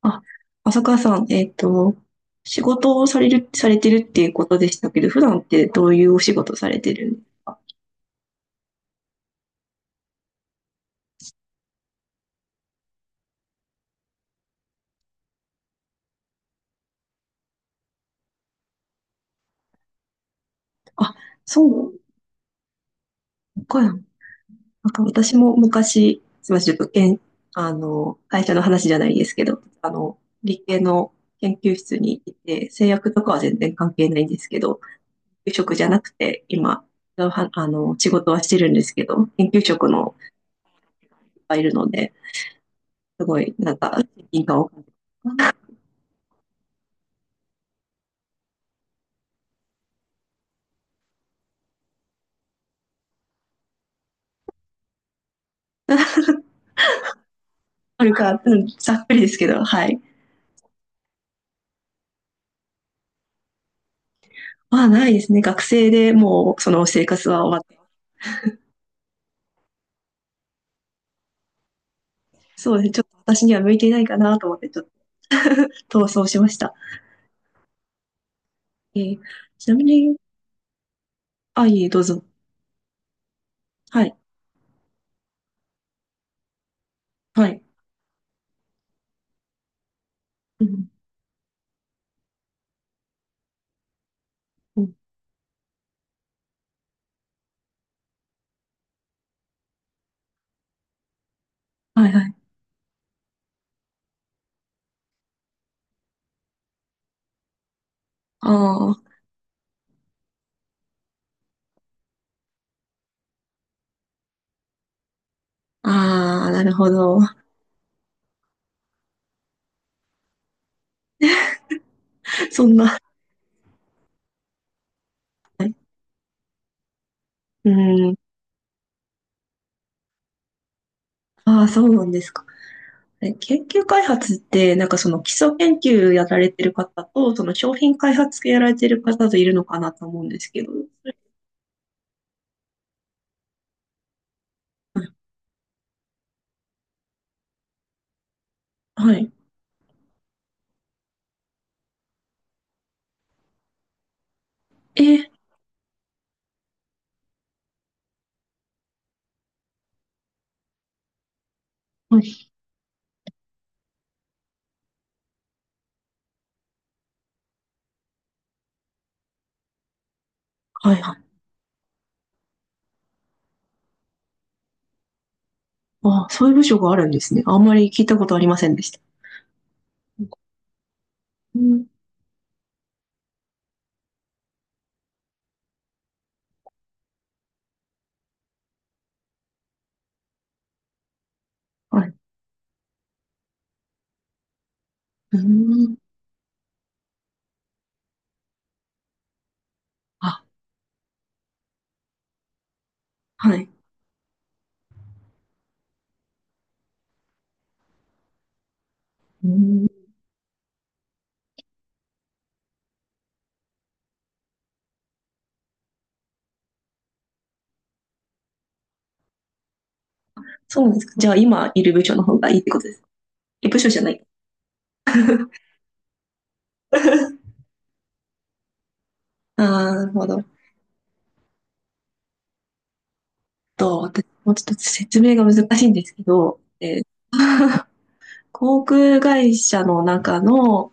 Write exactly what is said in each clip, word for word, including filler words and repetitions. あ、浅川さん、えっと、仕事をされる、されてるっていうことでしたけど、普段ってどういうお仕事されてるんですか？あ、そうか。なんか私も昔、すみません、ちょっと、けん、あの、会社の話じゃないですけど、あの、理系の研究室にいて、製薬とかは全然関係ないんですけど、研究職じゃなくて、今、はあの、仕事はしてるんですけど、研究職のいっぱいいるので、すごい、なんか、責任感をあるか、うん、ざっくりですけど、はい。まあ、ないですね。学生でもうその生活は終わって。そうですね。ちょっと私には向いていないかなと思って、ちょっと逃走しました。えーちなみに、あ、いえ、どうぞ。はい。はい。うん。うん。はいはい。ああ。ああ、なるほど。そんな。はい。うん。ああ、そうなんですか。え研究開発って、なんかその基礎研究やられてる方と、その商品開発系やられてる方といるのかなと思うんですけど。はい。はい。えーはい。はいはい。ああ、そういう部署があるんですね。あんまり聞いたことありませんでした。うん。はい。うん。あ、はい。うん。そうなんですか。じゃあ、今いる部署の方がいいってことです。え、部署じゃない。ああ、なるほど。と、私、もうちょっと説明が難しいんですけど、えー 航空会社の中の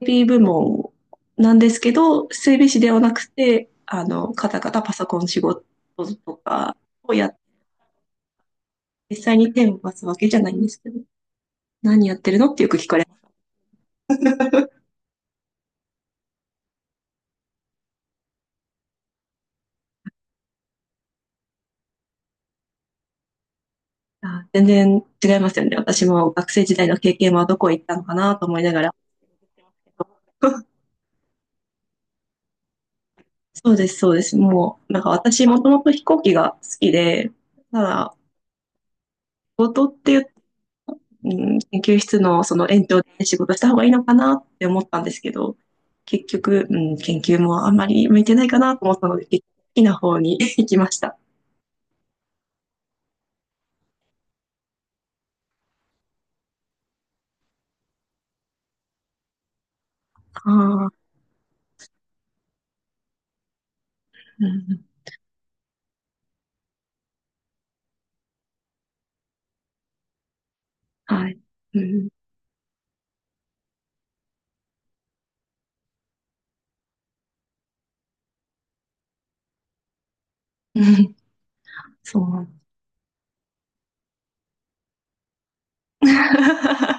エーピー部門なんですけど、整備士ではなくて、あの、カタカタパソコン仕事とかをやっ実際に手を動かすわけじゃないんですけど、何やってるのってよく聞かれます。 全然違いますよね。私も学生時代の経験はどこ行ったのかなと思いながら。そうです、そうです。もう、なんか私もともと飛行機が好きで、ただ、仕事っていう、うん、研究室のその延長で仕事した方がいいのかなって思ったんですけど、結局、うん、研究もあんまり向いてないかなと思ったので、好きな方に 行きました。ああ、うん、はい。うん、そう。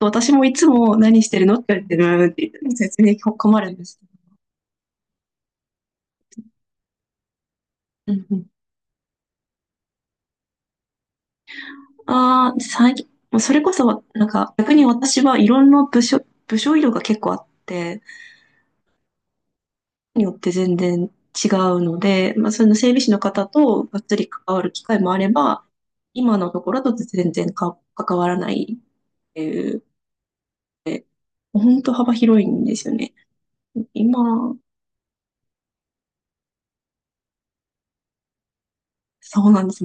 私もいつも何してるのって言われて、って言って説明困るんですけど。うんうん。ああ、最近、もうそれこそ、なんか逆に私はいろんな部署、部署色が結構あって、によって全然違うので、まあその整備士の方とがっつり関わる機会もあれば、今のところだと全然か関わらないっていう、本当幅広いんですよね。今、そうなんです。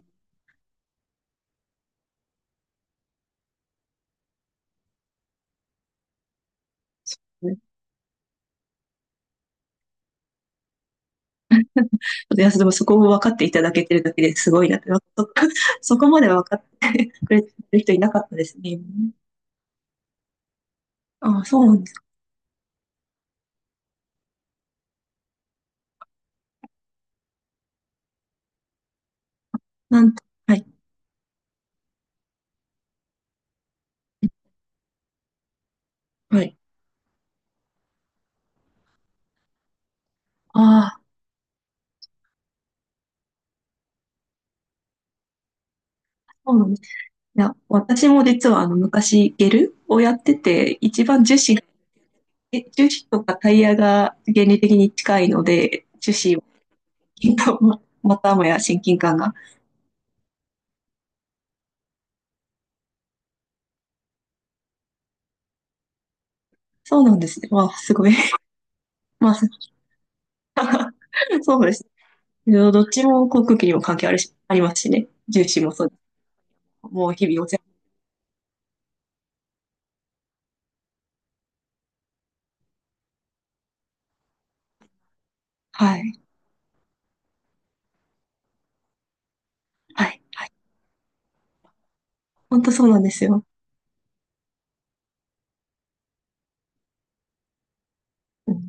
いや、でもそこを分かっていただけてるだけですごいなって、そそこまで分かってくれてる人いなかったですね。ああ、そうなんですか。なんと、はい、はい。ああ、そうなんです。いや、私も実はあの昔ゲルをやってて、一番樹脂、え樹脂とかタイヤが原理的に近いので、樹脂を、またもや親近感が。そうなんですね。わあ、すごい。まあ、そうですね。どっちも航空機にも関係あるし、ありますしね。重視もそうです。もう日々お世はい。はい。はい。本当そうなんですよ。うん。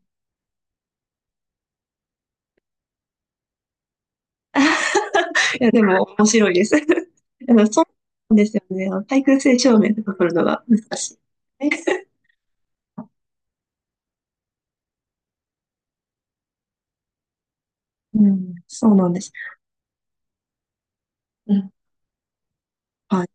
いや、でも面白いです。あの、そうなんですよね。あの対空性証明とか取るのが難しい。うん、そうなんです。うん。はい。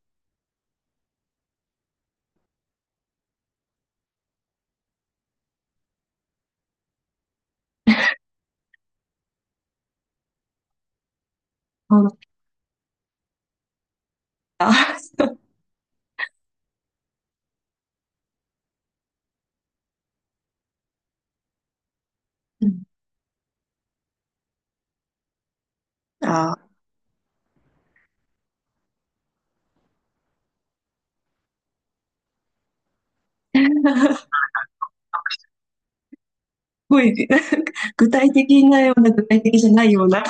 あの、あ、うん。ああ。すごい、具体的なような、具体的じゃないような。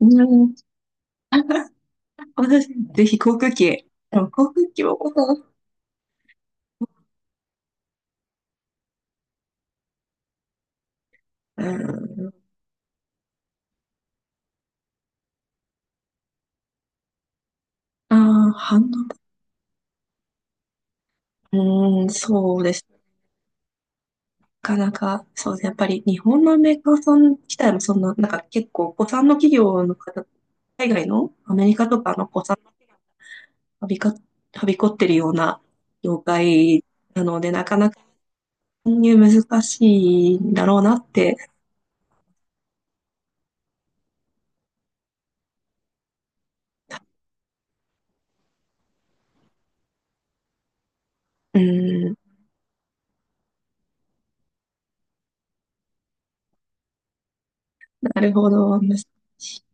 うん。私、ぜひ航空機。でも航空機も、うん。ああ、反応。うん、そうですねかなか、そうですね。やっぱり日本のメーカーさん自体もそんな、なんか結構、古参の企業の方、海外のアメリカとかの古参の企業がはびか、はびこってるような業界なので、なかなか参入難しいんだろうなって。うん、なるほど。難しい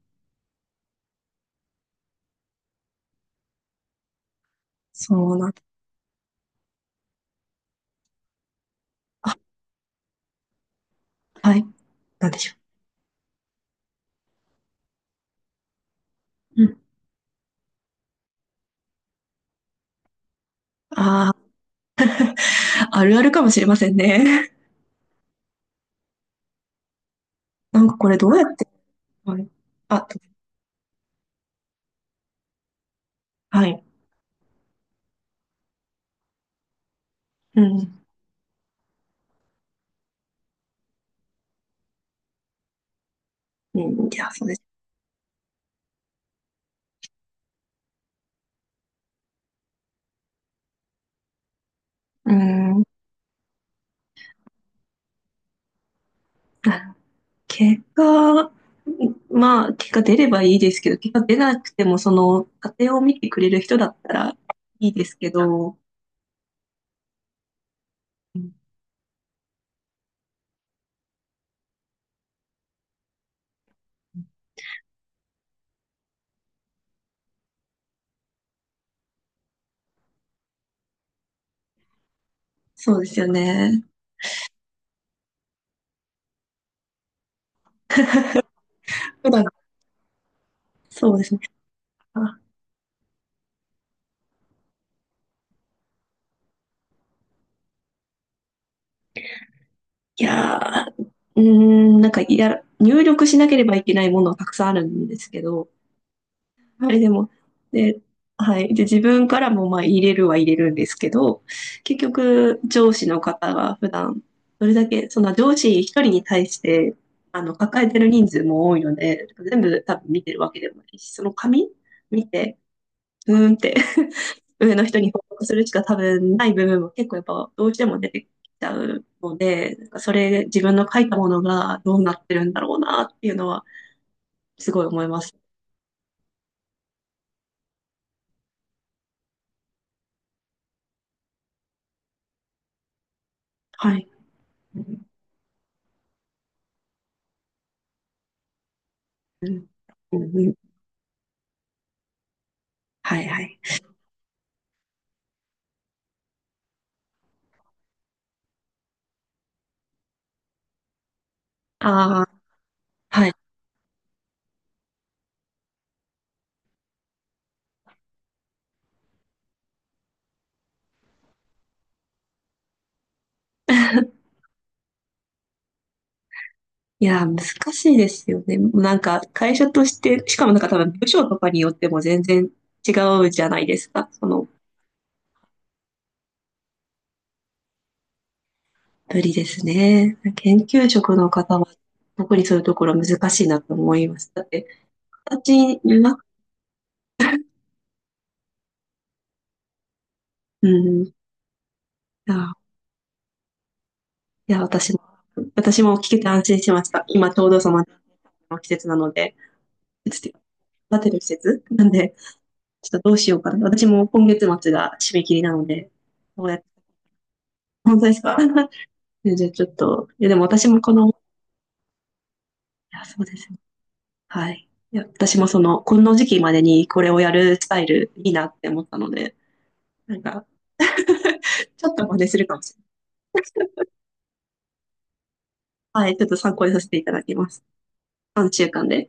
そうなんだ。あ、はい。なんでしょう。うん。ああ、あるあるかもしれませんね。なんかこれどうやって、はい。あ、はい。うん。うん、いや、そうです。うん。結果、まあ、結果出ればいいですけど、結果出なくても、その、家庭を見てくれる人だったらいいですけど、うん、そうですよね。普段、そうですね。あ、いやー、うーん、なんか、いや、入力しなければいけないものはたくさんあるんですけど、はい、でも、で、はい。で、自分からもまあ入れるは入れるんですけど、結局、上司の方が普段、どれだけ、その上司一人に対して、あの、抱えてる人数も多いので、全部多分見てるわけでもないし、その紙見て、うーんって 上の人に報告するしか多分ない部分も結構やっぱどうしても出てきちゃうので、なんかそれ、自分の書いたものがどうなってるんだろうなっていうのは、すごい思います。はい。うんうんうん。はいはい。ああ、はい。いやー、難しいですよね。なんか、会社として、しかもなんか多分部署とかによっても全然違うじゃないですか。その、ぶりですね。研究職の方は、特にそういうところ難しいなと思います。だって、私は、うん、いやー、いや、私も、私も聞けて安心しました。今ちょうどその、季節なので、季節育てる季節なんで、ちょっとどうしようかな。私も今月末が締め切りなので、どうやって、本当ですか？でじゃあちょっと、いやでも私もこの、いや、そうですね。はい。いや、私もその、この時期までにこれをやるスタイルいいなって思ったので、なんか、ちょっと真似するかもしれない。はい、ちょっと参考にさせていただきます。さんしゅうかんで。